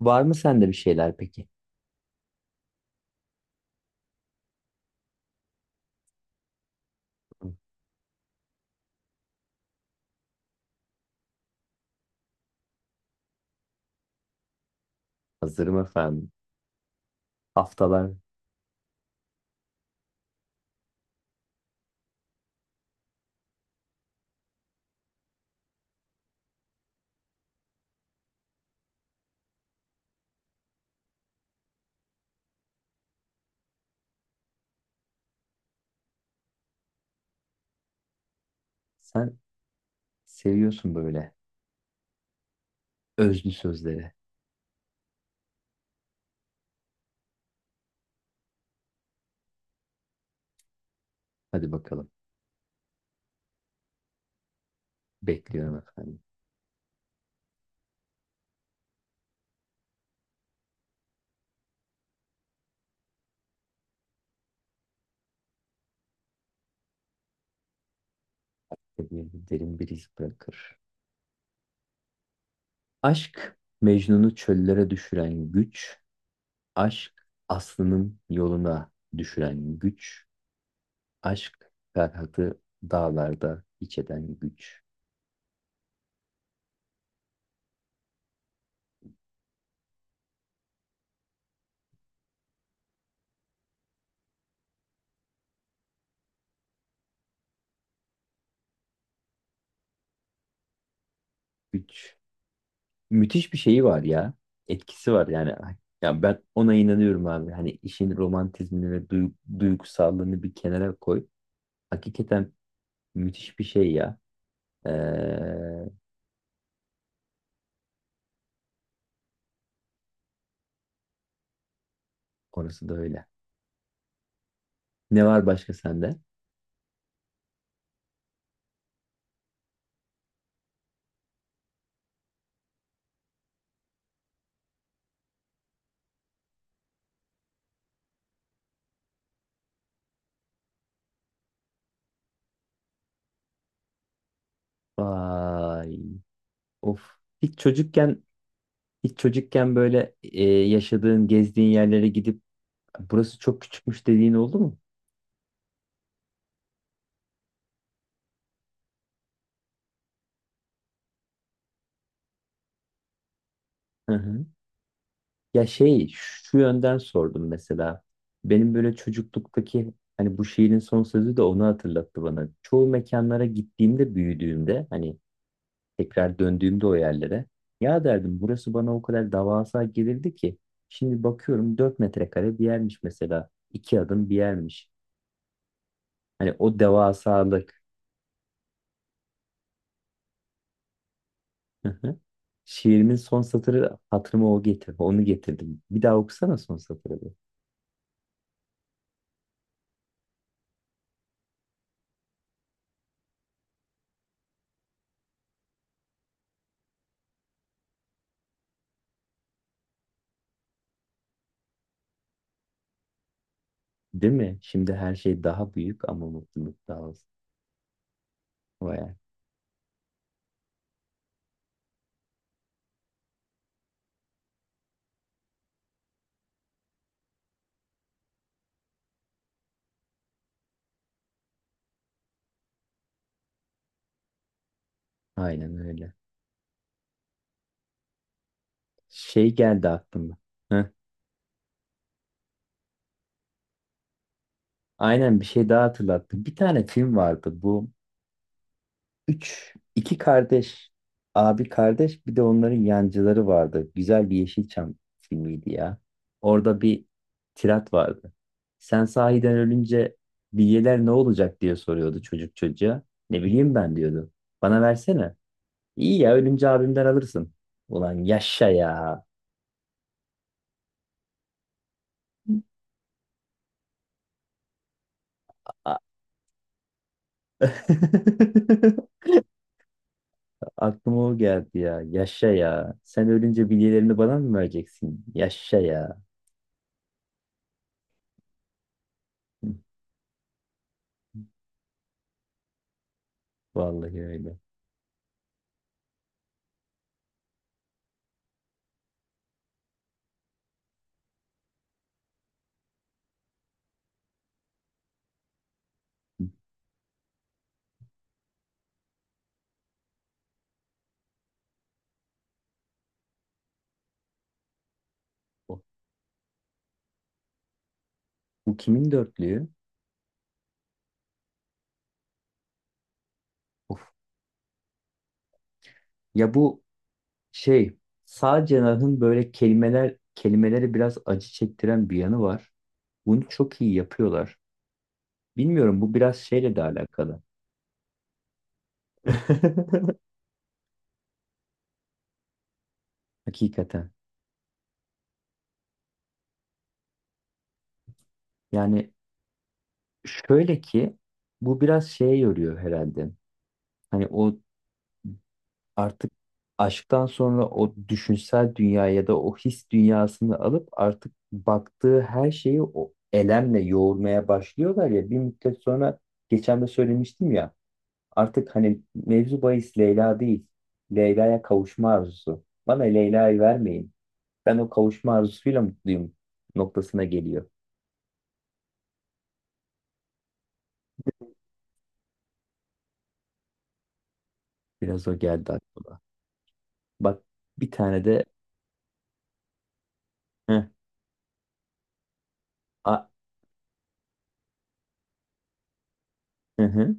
Var mı sende bir şeyler peki? Hazırım efendim. Haftalar sen seviyorsun böyle özlü sözleri. Hadi bakalım. Bekliyorum efendim. Sevgi derin bir iz bırakır. Aşk Mecnun'u çöllere düşüren güç. Aşk Aslı'nın yoluna düşüren güç. Aşk Ferhat'ı dağlarda iç eden güç. Güç, müthiş bir şeyi var ya. Etkisi var yani. Ya ben ona inanıyorum abi. Hani işin romantizmini ve duygusallığını bir kenara koy. Hakikaten müthiş bir şey ya. Ee, orası da öyle. Ne var başka sende? Vay. Of. Hiç çocukken hiç çocukken böyle yaşadığın, gezdiğin yerlere gidip burası çok küçükmüş dediğin oldu mu? Hı hı. Ya şey şu yönden sordum mesela. Benim böyle çocukluktaki, hani bu şiirin son sözü de onu hatırlattı bana. Çoğu mekanlara gittiğimde, büyüdüğümde, hani tekrar döndüğümde o yerlere, ya derdim burası bana o kadar devasa gelirdi ki şimdi bakıyorum 4 metrekare bir yermiş mesela. İki adım bir yermiş. Hani o devasalık. Hı hı. Şiirimin son satırı hatırıma o getir, onu getirdim. Bir daha okusana son satırı bir. Değil mi? Şimdi her şey daha büyük ama mutluluk daha az. Vay, aynen öyle. Şey geldi aklıma. Heh, aynen, bir şey daha hatırlattım. Bir tane film vardı bu. Üç, iki kardeş. Abi kardeş, bir de onların yancıları vardı. Güzel bir Yeşilçam filmiydi ya. Orada bir tirat vardı. Sen sahiden ölünce bilyeler ne olacak diye soruyordu çocuk çocuğa. Ne bileyim ben, diyordu. Bana versene. İyi ya, ölünce abimden alırsın. Ulan yaşa ya. A- Aklıma o geldi ya. Yaşa ya. Sen ölünce bilgilerini bana mı vereceksin? Yaşa ya. Hı. Vallahi öyle. Hı. Bu, bu kimin dörtlüğü? Of. Ya bu şey, sağ cenahın böyle kelimeleri biraz acı çektiren bir yanı var. Bunu çok iyi yapıyorlar. Bilmiyorum, bu biraz şeyle de alakalı. Hakikaten. Yani şöyle ki, bu biraz şeye yoruyor herhalde. Hani o artık aşktan sonra o düşünsel dünya ya da o his dünyasını alıp artık baktığı her şeyi o elemle yoğurmaya başlıyorlar ya bir müddet sonra, geçen de söylemiştim ya, artık hani mevzu bahis Leyla değil, Leyla'ya kavuşma arzusu. Bana Leyla'yı vermeyin. Ben o kavuşma arzusuyla mutluyum noktasına geliyor. Biraz o geldi aklıma. Bak, bir tane de. Heh, a, hı hı.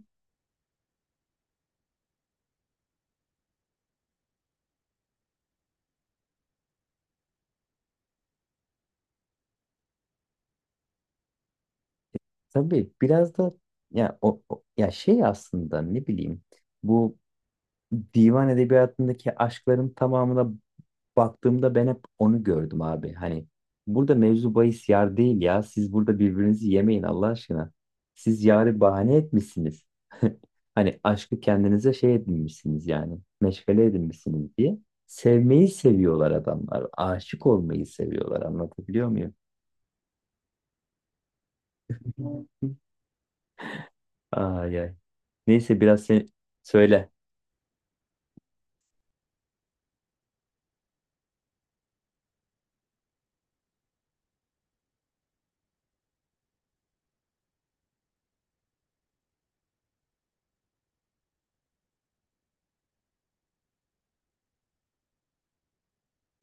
Tabii biraz da ya şey, aslında ne bileyim, bu divan edebiyatındaki aşkların tamamına baktığımda ben hep onu gördüm abi. Hani burada mevzu bahis yar değil ya. Siz burada birbirinizi yemeyin Allah aşkına. Siz yarı bahane etmişsiniz. Hani aşkı kendinize şey edinmişsiniz yani. Meşgale edinmişsiniz diye. Sevmeyi seviyorlar adamlar. Aşık olmayı seviyorlar. Anlatabiliyor muyum? Ay ay. Neyse, biraz sen söyle.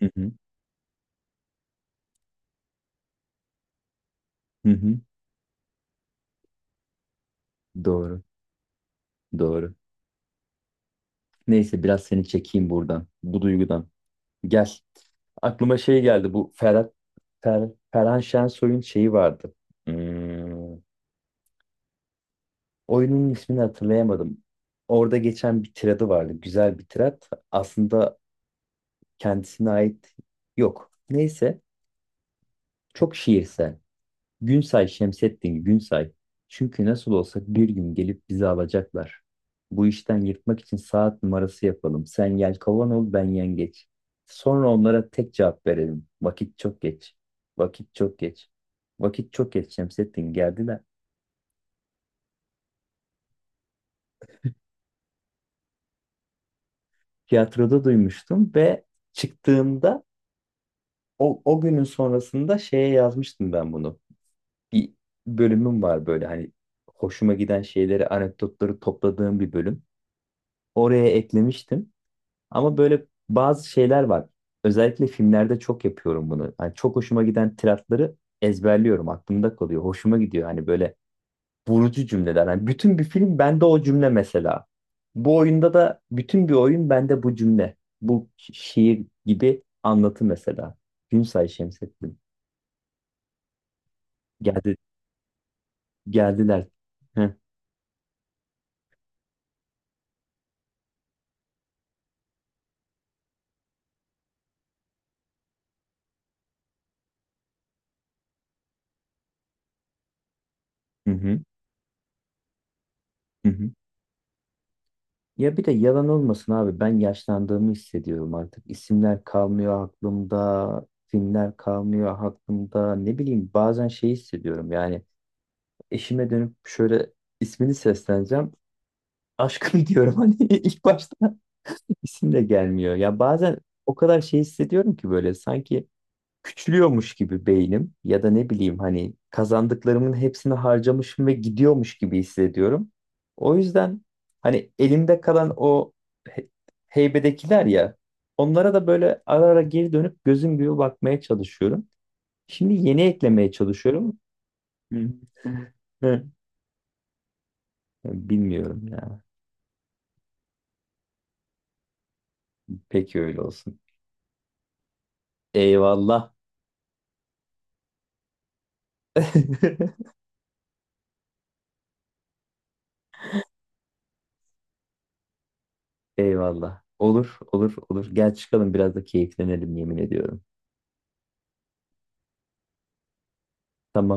Hı hı, hı hı. Doğru, doğru. Neyse, biraz seni çekeyim buradan, bu duygudan. Gel. Aklıma şey geldi, bu Ferhan Şensoy'un şeyi vardı. Hmm, oyunun ismini hatırlayamadım. Orada geçen bir tiradı vardı, güzel bir tirat. Aslında kendisine ait yok. Neyse, çok şiirsel. Günsay Şemsettin Günsay. Çünkü nasıl olsa bir gün gelip bizi alacaklar. Bu işten yırtmak için saat numarası yapalım. Sen yelkovan ol, ben yengeç. Sonra onlara tek cevap verelim. Vakit çok geç. Vakit çok geç. Vakit çok geç Şemsettin, geldiler. Tiyatroda duymuştum ve çıktığımda, o günün sonrasında şeye yazmıştım ben bunu. Bir bölümüm var böyle, hani hoşuma giden şeyleri, anekdotları topladığım bir bölüm. Oraya eklemiştim. Ama böyle bazı şeyler var. Özellikle filmlerde çok yapıyorum bunu. Hani çok hoşuma giden tiratları ezberliyorum. Aklımda kalıyor. Hoşuma gidiyor. Hani böyle vurucu cümleler. Hani bütün bir film bende o cümle mesela. Bu oyunda da bütün bir oyun bende bu cümle. Bu şiir gibi anlatı mesela. Günsay Şemsettin. Geldi, geldiler. Heh. Hı hı. Hı hı. Ya bir de yalan olmasın abi, ben yaşlandığımı hissediyorum artık. İsimler kalmıyor aklımda, filmler kalmıyor aklımda. Ne bileyim, bazen şey hissediyorum yani, eşime dönüp şöyle ismini sesleneceğim. Aşkım diyorum, hani ilk başta isim de gelmiyor. Ya bazen o kadar şey hissediyorum ki, böyle sanki küçülüyormuş gibi beynim, ya da ne bileyim, hani kazandıklarımın hepsini harcamışım ve gidiyormuş gibi hissediyorum. O yüzden hani elimde kalan o he- heybedekiler ya, onlara da böyle ara ara geri dönüp gözüm gibi bakmaya çalışıyorum. Şimdi yeni eklemeye çalışıyorum. Hı. Hı. Bilmiyorum ya. Peki öyle olsun. Eyvallah. Eyvallah. Olur, olur, olur. Gel çıkalım biraz da keyiflenelim, yemin ediyorum. Tamam.